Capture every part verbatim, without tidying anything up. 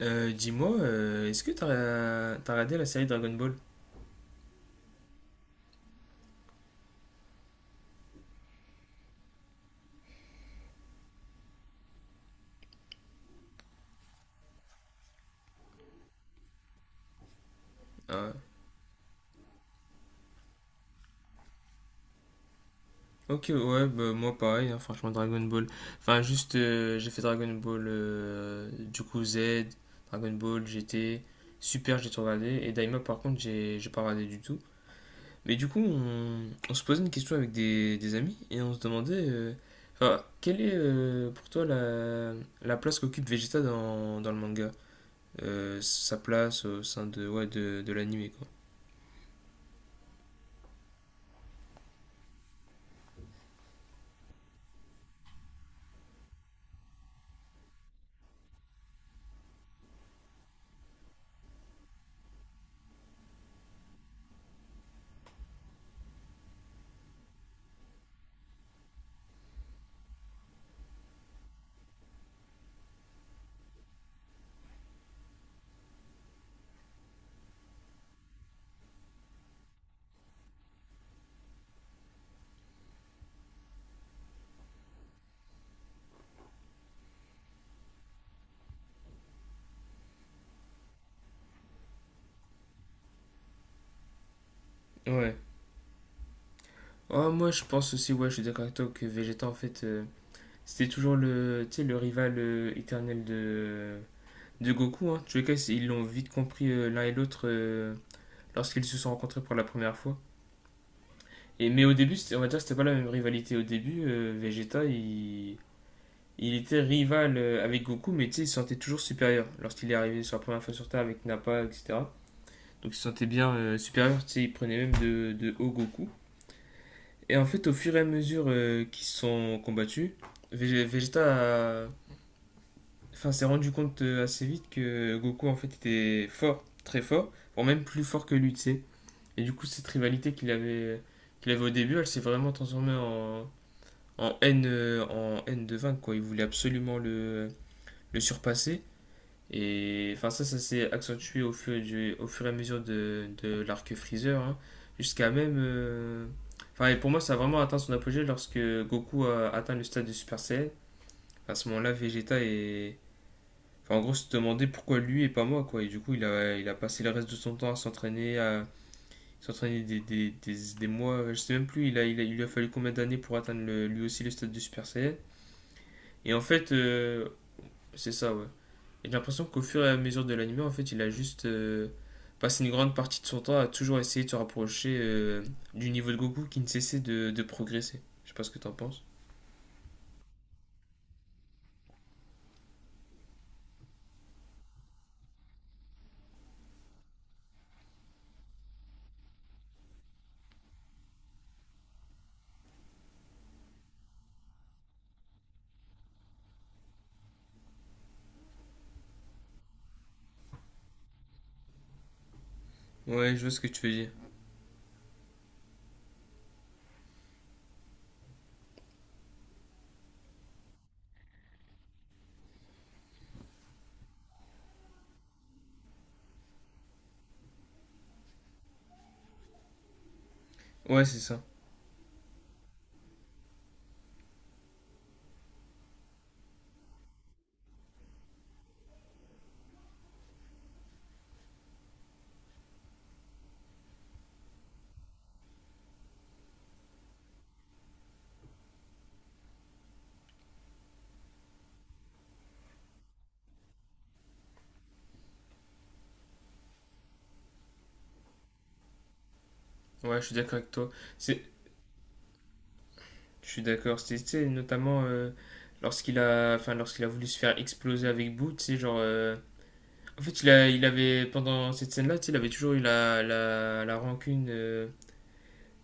Euh, dis-moi, euh, est-ce que t'as t'as regardé la série Dragon Ball? Ah, ok, ouais, bah, moi pareil, hein, franchement Dragon Ball. Enfin, juste, euh, j'ai fait Dragon Ball euh, du coup Z, Dragon Ball G T, super, j'ai tout regardé. Et Daima, par contre, j'ai j'ai pas regardé du tout. Mais du coup, on, on se posait une question avec des, des amis et on se demandait, euh, enfin, quelle est euh, pour toi la, la place qu'occupe Vegeta dans, dans le manga? Euh, sa place au sein de, ouais, de, de l'anime, quoi. Ouais. Oh, moi je pense aussi, ouais, je suis d'accord avec toi que Vegeta en fait euh, c'était toujours le, tu sais, le rival euh, éternel de, de Goku. Hein. En tous les cas, c'est- ils l'ont vite compris euh, l'un et l'autre euh, lorsqu'ils se sont rencontrés pour la première fois. Et, mais au début, c'était- on va dire que c'était pas la même rivalité. Au début, euh, Vegeta il, il était rival euh, avec Goku, mais tu sais, il se sentait toujours supérieur lorsqu'il est arrivé sur la première fois sur Terre avec Nappa, et cetera. Donc il se sentait bien euh, supérieur, tu sais, il prenait même de, de haut Goku. Et en fait, au fur et à mesure euh, qu'ils se sont combattus, Vég- Vegeta a- enfin, s'est rendu compte euh, assez vite que Goku en fait était fort, très fort, voire même plus fort que lui, tu sais. Et du coup, cette rivalité qu'il avait, qu'il avait au début, elle s'est vraiment transformée en, en haine, euh, en haine de vaincre, quoi. Il voulait absolument le, le surpasser. Et enfin, ça, ça s'est accentué au fur, du, au fur et à mesure de, de l'arc Freezer, hein, jusqu'à même. euh, Enfin, et pour moi, ça a vraiment atteint son apogée lorsque Goku a atteint le stade de Super Saiyan. À ce moment-là, Vegeta est. Enfin, en gros, se demandait pourquoi lui et pas moi, quoi. Et du coup, il a, il a passé le reste de son temps à s'entraîner, à s'entraîner des, des, des, des mois, je sais même plus, il a, il a- il lui a fallu combien d'années pour atteindre le- lui aussi le stade de Super Saiyan. Et en fait, euh, c'est ça, ouais. Et j'ai l'impression qu'au fur et à mesure de l'anime, en fait, il a juste euh, passé une grande partie de son temps à toujours essayer de se rapprocher euh, du niveau de Goku qui ne cessait de, de progresser. Je sais pas ce que t'en penses. Ouais, je vois ce que tu veux dire. Ouais, c'est ça. Ouais, je suis d'accord avec toi. C'est, je suis d'accord. C'est, tu sais, notamment euh, lorsqu'il a, enfin, lorsqu'il a voulu se faire exploser avec Boo, tu sais, genre. euh, En fait, il a, il avait pendant cette scène-là, tu sais, il avait toujours eu la, la, la rancune. euh,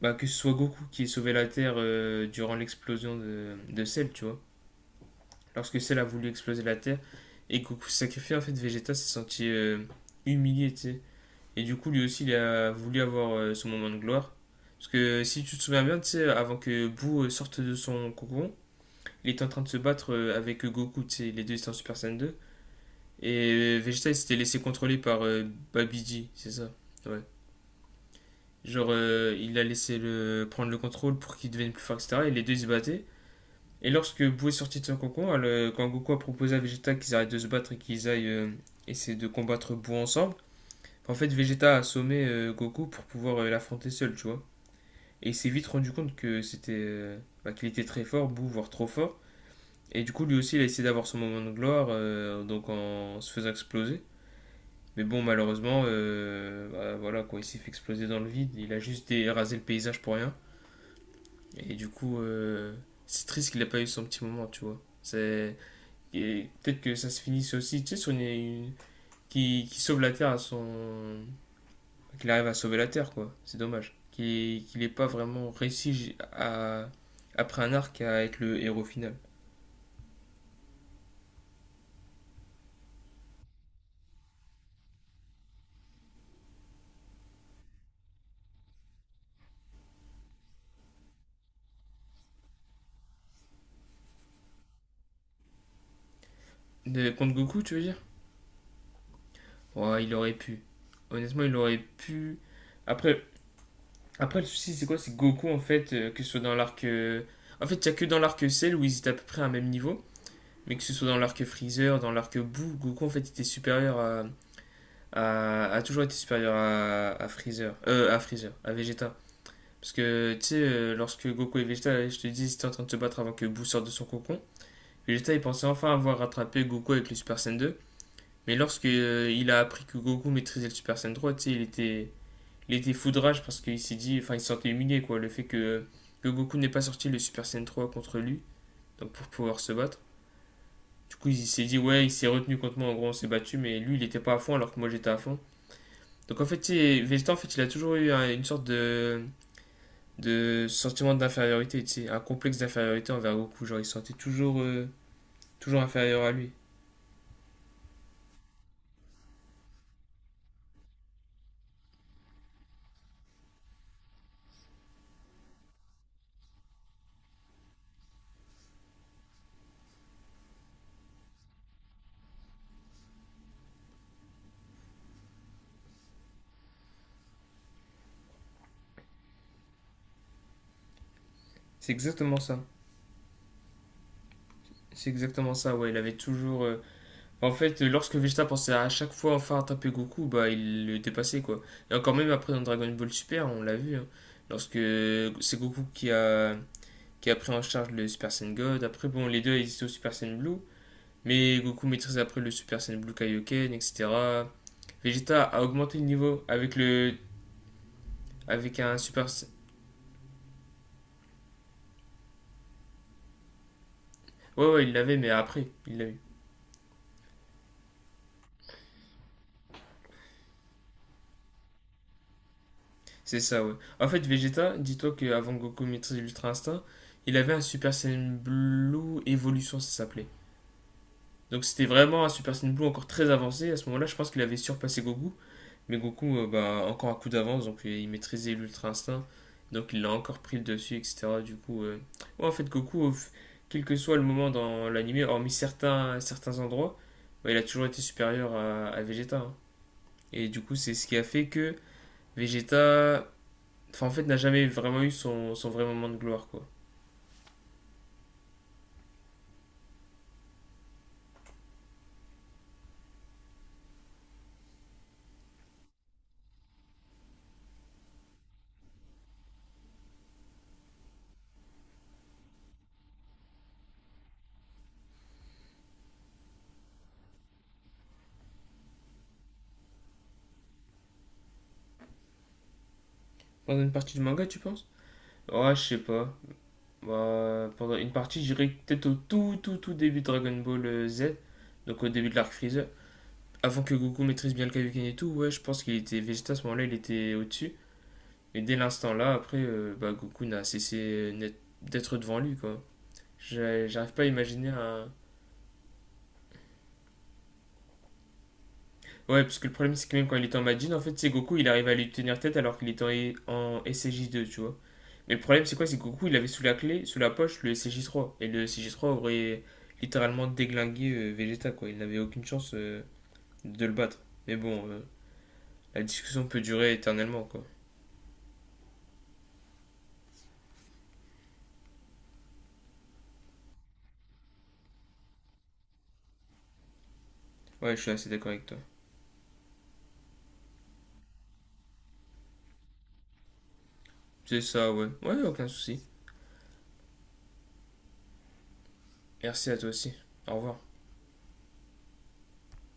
bah, que ce soit Goku qui ait sauvé la Terre euh, durant l'explosion de, de Cell, tu vois. Lorsque celle a voulu exploser la Terre et Goku s'est sacrifié, en fait, Vegeta s'est senti euh, humilié, tu sais. Et du coup, lui aussi, il a voulu avoir euh, son moment de gloire. Parce que si tu te souviens bien, tu sais, avant que Boo euh, sorte de son cocon, il était en train de se battre euh, avec Goku, tu sais, les deux étaient en Super Saiyan deux. Et euh, Vegeta, il s'était laissé contrôler par euh, Babiji, c'est ça? Ouais. Genre, euh, il a laissé le... prendre le contrôle pour qu'il devienne plus fort, et cetera. Et les deux, ils se battaient. Et lorsque Bou est sorti de son cocon, elle- quand Goku a proposé à Vegeta qu'ils arrêtent de se battre et qu'ils aillent euh, essayer de combattre Bou ensemble, en fait Vegeta a assommé euh, Goku pour pouvoir euh, l'affronter seul, tu vois. Et il s'est vite rendu compte que c'était euh, bah, qu'il était très fort, Bou, voire trop fort. Et du coup, lui aussi, il a essayé d'avoir son moment de gloire, euh, donc en se faisant exploser. Mais bon, malheureusement, euh, bah, voilà, quoi, il s'est fait exploser dans le vide. Il a juste rasé le paysage pour rien. Et du coup, euh, c'est triste qu'il n'a pas eu son petit moment, tu vois. C'est Et peut-être que ça se finisse aussi, tu sais, sur une, une- qui, qui sauve la Terre à son. Qu'il arrive à sauver la Terre, quoi. C'est dommage. Qu'il qu'il ait pas vraiment réussi j- à, après un arc à être le héros final. De, contre Goku, tu veux dire? Ouais, il aurait pu. Honnêtement, il aurait pu. Après, après le souci, c'est quoi? C'est que Goku, en fait, euh, que ce soit dans l'arc. euh, En fait, il n'y a que dans l'arc Cell où ils étaient à peu près à un même niveau. Mais que ce soit dans l'arc Freezer, dans l'arc Boo, Goku, en fait, était supérieur à, a, a toujours été supérieur à, à Freezer, euh, à Freezer, à Vegeta. Parce que, tu sais, euh, lorsque Goku et Vegeta, je te dis, ils étaient en train de se battre avant que Boo sorte de son cocon, Vegeta, il pensait enfin avoir rattrapé Goku avec le Super Saiyan deux. Mais lorsque euh, il a appris que Goku maîtrisait le Super Saiyan trois, tu sais, il était, il était fou de rage parce qu'il s'est dit, enfin, il se sentait humilié, quoi, le fait que, que Goku n'ait pas sorti le Super Saiyan trois contre lui, donc pour pouvoir se battre. Du coup, il s'est dit, ouais, il s'est retenu contre moi, en gros, on s'est battu, mais lui, il était pas à fond alors que moi, j'étais à fond. Donc en fait, tu sais, Vegeta, en fait, il a toujours eu un- une sorte de, de sentiment d'infériorité, tu sais, un complexe d'infériorité envers Goku. Genre, il se sentait toujours, euh, toujours inférieur à lui. C'est exactement ça. C'est exactement ça, ouais. Il avait toujours. euh, En fait, lorsque Vegeta pensait à chaque fois enfin attraper Goku, bah, il le dépassait, quoi. Et encore même après dans Dragon Ball Super, on l'a vu, hein, lorsque c'est Goku qui a, qui a pris en charge le Super Saiyan God. Après, bon, les deux ils étaient au Super Saiyan Blue. Mais Goku maîtrise après le Super Saiyan Blue Kaioken, et cetera. Vegeta a augmenté le niveau avec le avec un super. Ouais, ouais, il l'avait, mais après, il l'a eu. C'est ça, ouais. En fait, Vegeta, dis-toi qu'avant Goku maîtrise l'Ultra Instinct, il avait un Super Saiyan Blue Evolution, ça s'appelait. Donc c'était vraiment un Super Saiyan Blue encore très avancé. À ce moment-là, je pense qu'il avait surpassé Goku. Mais Goku, euh, bah, encore un coup d'avance, donc euh, il maîtrisait l'Ultra Instinct. Donc il l'a encore pris le dessus, et cetera. Du coup, euh, ouais, en fait, Goku, euh, quel que soit le moment dans l'anime, hormis certains, certains endroits, bah, il a toujours été supérieur à, à Vegeta. Hein. Et du coup, c'est ce qui a fait que Vegeta, enfin, en fait, n'a jamais vraiment eu son, son vrai moment de gloire, quoi. Pendant une partie du manga, tu penses? Ouais, je sais pas. Bah, pendant une partie, je dirais que peut-être au tout, tout, tout début de Dragon Ball euh, Z, donc au début de l'arc Freezer. Avant que Goku maîtrise bien le Kaioken et tout, ouais, je pense qu'il était Vegeta à ce moment-là, il était au-dessus. Et dès l'instant là, après, euh, bah, Goku n'a cessé net- d'être devant lui, quoi. J'ai- J'arrive pas à imaginer un. Ouais, parce que le problème, c'est que même quand il était en Majin, en fait, c'est Goku, il arrive à lui tenir tête alors qu'il était en, E- en S C J deux, tu vois. Mais le problème, c'est quoi? C'est que Goku, il avait sous la clé, sous la poche, le S C J trois. Et le S C J trois aurait littéralement déglingué euh, Vegeta, quoi. Il n'avait aucune chance euh, de le battre. Mais bon, euh, la discussion peut durer éternellement, quoi. Ouais, je suis assez d'accord avec toi. C'est ça, ouais. Ouais, aucun souci. Merci à toi aussi. Au revoir.